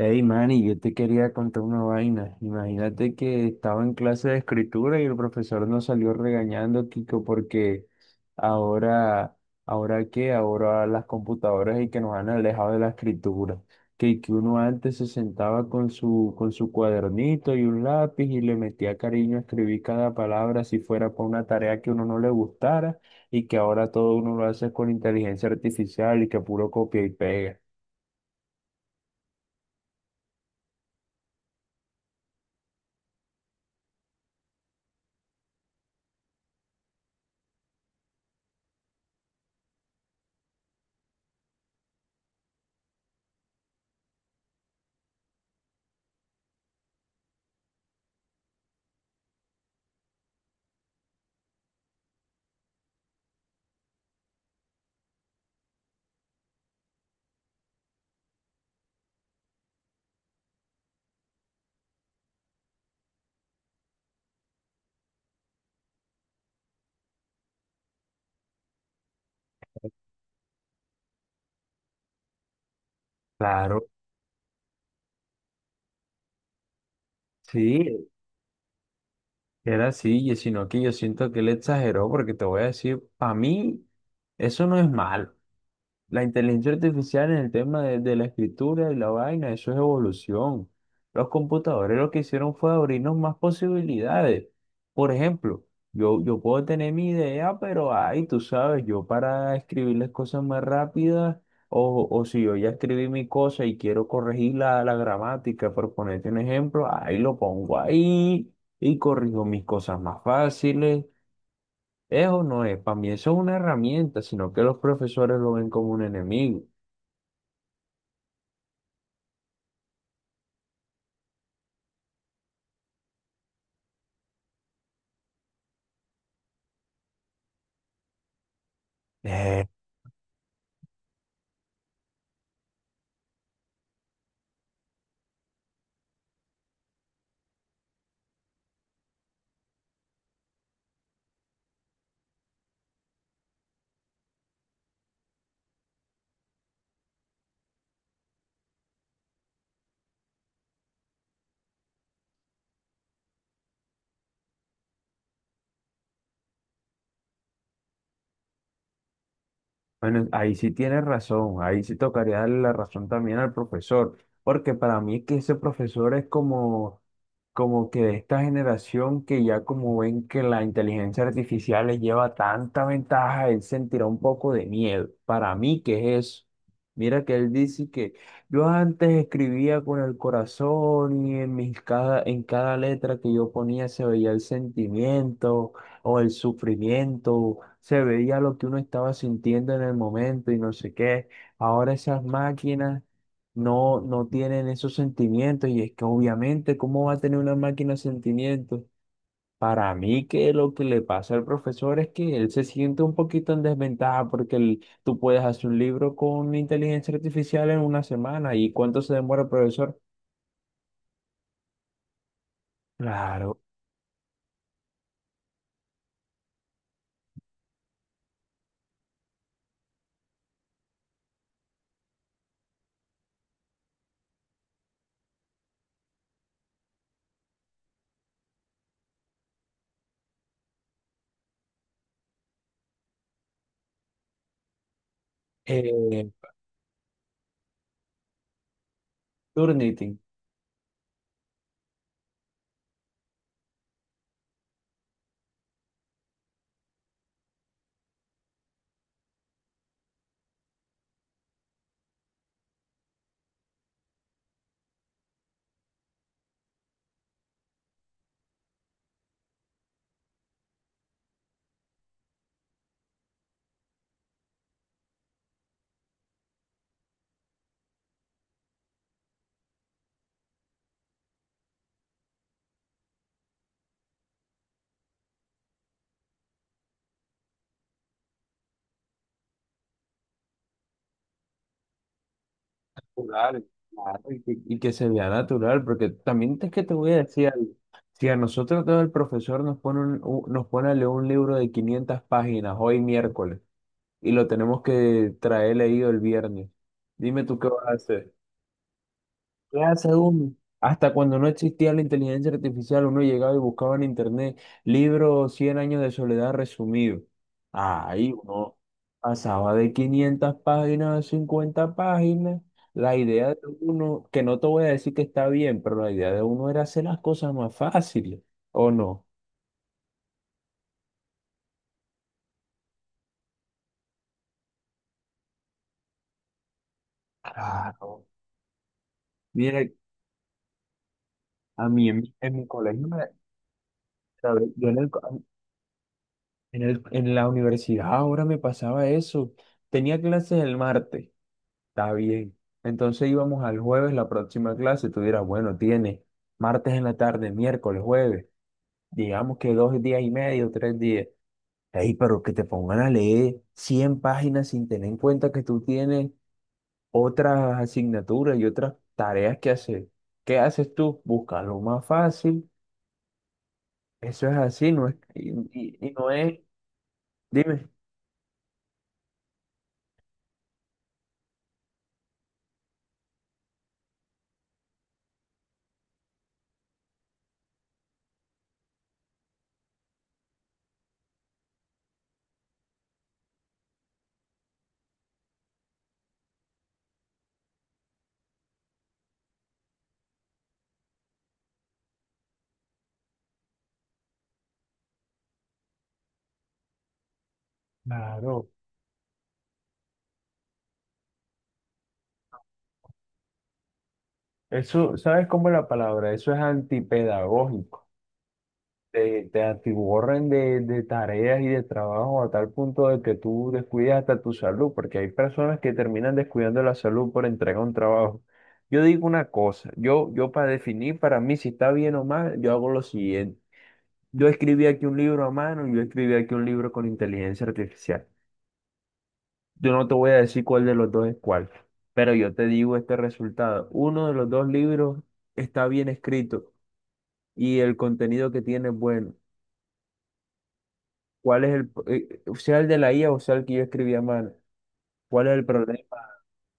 Hey, Manny, yo te quería contar una vaina. Imagínate que estaba en clase de escritura y el profesor nos salió regañando, Kiko, porque ahora, ¿ahora qué? Ahora las computadoras y que nos han alejado de la escritura. Que uno antes se sentaba con su cuadernito y un lápiz y le metía cariño a escribir cada palabra si fuera para una tarea que uno no le gustara, y que ahora todo uno lo hace con inteligencia artificial y que puro copia y pega. Claro. Sí. Era así, y sino que yo siento que él exageró, porque te voy a decir, para mí, eso no es malo. La inteligencia artificial en el tema de la escritura y la vaina, eso es evolución. Los computadores lo que hicieron fue abrirnos más posibilidades. Por ejemplo, yo puedo tener mi idea, pero ay, tú sabes, yo para escribirles cosas más rápidas, o si yo ya escribí mi cosa y quiero corregir la gramática, por ponerte un ejemplo, ahí lo pongo ahí y corrijo mis cosas más fáciles. Eso no es, para mí eso es una herramienta, sino que los profesores lo ven como un enemigo. Eh, bueno, ahí sí tienes razón, ahí sí tocaría darle la razón también al profesor, porque para mí es que ese profesor es como, como que de esta generación que ya como ven que la inteligencia artificial les lleva tanta ventaja, él sentirá un poco de miedo. Para mí, ¿qué es eso? Mira que él dice que yo antes escribía con el corazón y en mis cada, en cada letra que yo ponía se veía el sentimiento, o el sufrimiento, se veía lo que uno estaba sintiendo en el momento y no sé qué. Ahora esas máquinas no tienen esos sentimientos y es que obviamente, ¿cómo va a tener una máquina sentimientos? Para mí que lo que le pasa al profesor es que él se siente un poquito en desventaja porque el- tú puedes hacer un libro con inteligencia artificial en una semana. ¿Y cuánto se demora el profesor? Claro. Eh, Turnitin. Natural, claro, y que se vea natural, porque también es que te voy a decir algo. Si a nosotros todo el profesor nos pone un, u- nos pone a leer un libro de 500 páginas hoy miércoles y lo tenemos que traer leído el viernes, dime tú qué vas a hacer. Ya, según, hasta cuando no existía la inteligencia artificial, uno llegaba y buscaba en internet libros 100 años de soledad resumido. Ahí uno pasaba de 500 páginas a 50 páginas. La idea de uno, que no te voy a decir que está bien, pero la idea de uno era hacer las cosas más fáciles, ¿o no? Claro. Mire, a mí en mi colegio, me- ¿sabe? Yo en el co- en el- en la universidad ahora me pasaba eso. Tenía clases el martes. Está bien. Entonces íbamos al jueves, la próxima clase. Tú dirás, bueno, tiene martes en la tarde, miércoles, jueves. Digamos que dos días y medio, tres días. Ey, pero que te pongan a leer 100 páginas sin tener en cuenta que tú tienes otras asignaturas y otras tareas que hacer. ¿Qué haces tú? Busca lo más fácil. Eso es así, no es, y no es, dime. Claro. Eso, ¿sabes cómo es la palabra? Eso es antipedagógico. Te atiborran de tareas y de trabajo a tal punto de que tú descuidas hasta tu salud, porque hay personas que terminan descuidando la salud por entregar un trabajo. Yo digo una cosa, yo para definir para mí si está bien o mal, yo hago lo siguiente. Yo escribí aquí un libro a mano y yo escribí aquí un libro con inteligencia artificial. Yo no te voy a decir cuál de los dos es cuál, pero yo te digo este resultado. Uno de los dos libros está bien escrito y el contenido que tiene es bueno. ¿Cuál es el, sea el de la IA o sea el que yo escribía mal? ¿Cuál es el problema?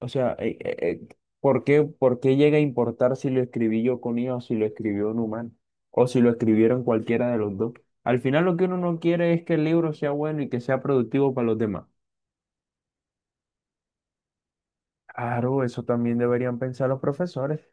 O sea, eh, por qué llega a importar si lo escribí yo con IA o si lo escribió un humano? O si lo escribieron cualquiera de los dos. Al final lo que uno no quiere es que el libro sea bueno y que sea productivo para los demás. Claro, eso también deberían pensar los profesores.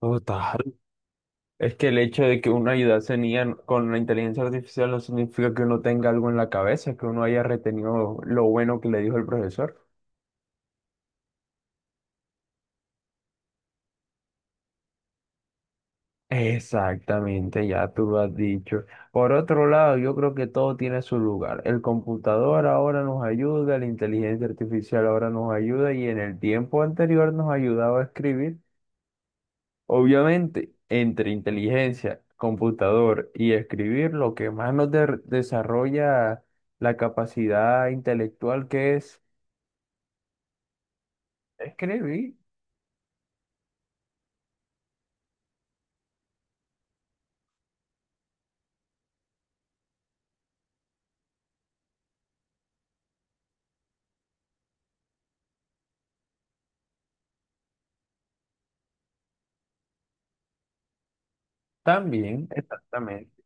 Total. Es que el hecho de que uno ayudase en IA con la inteligencia artificial no significa que uno tenga algo en la cabeza, que uno haya retenido lo bueno que le dijo el profesor. Exactamente, ya tú lo has dicho. Por otro lado, yo creo que todo tiene su lugar. El computador ahora nos ayuda, la inteligencia artificial ahora nos ayuda y en el tiempo anterior nos ayudaba a escribir. Obviamente, entre inteligencia, computador y escribir, lo que más nos de- desarrolla la capacidad intelectual que es escribir también, exactamente.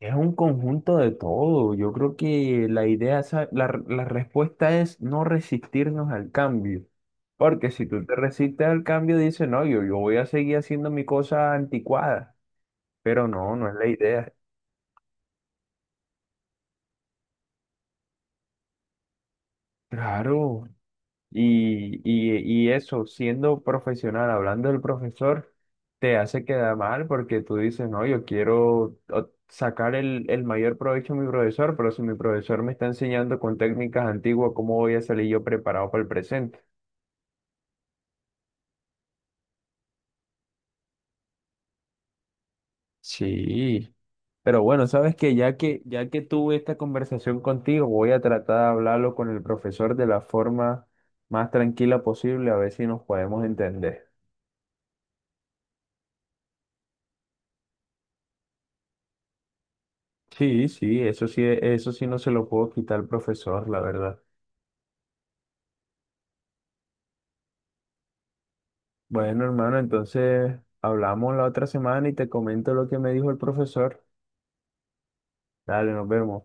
Es un conjunto de todo. Yo creo que la idea, sa- la, r- la respuesta es no resistirnos al cambio. Porque si tú te resistes al cambio, dices, no, yo voy a seguir haciendo mi cosa anticuada. Pero no, no es la idea. Claro. Y eso, siendo profesional, hablando del profesor, te hace quedar mal porque tú dices, no, yo quiero o- sacar el mayor provecho a mi profesor, pero si mi profesor me está enseñando con técnicas antiguas, ¿cómo voy a salir yo preparado para el presente? Sí, pero bueno, sabes que ya que tuve esta conversación contigo, voy a tratar de hablarlo con el profesor de la forma más tranquila posible, a ver si nos podemos entender. Sí, sí, eso sí, eso sí no se lo puedo quitar al profesor, la verdad. Bueno, hermano, entonces hablamos la otra semana y te comento lo que me dijo el profesor. Dale, nos vemos.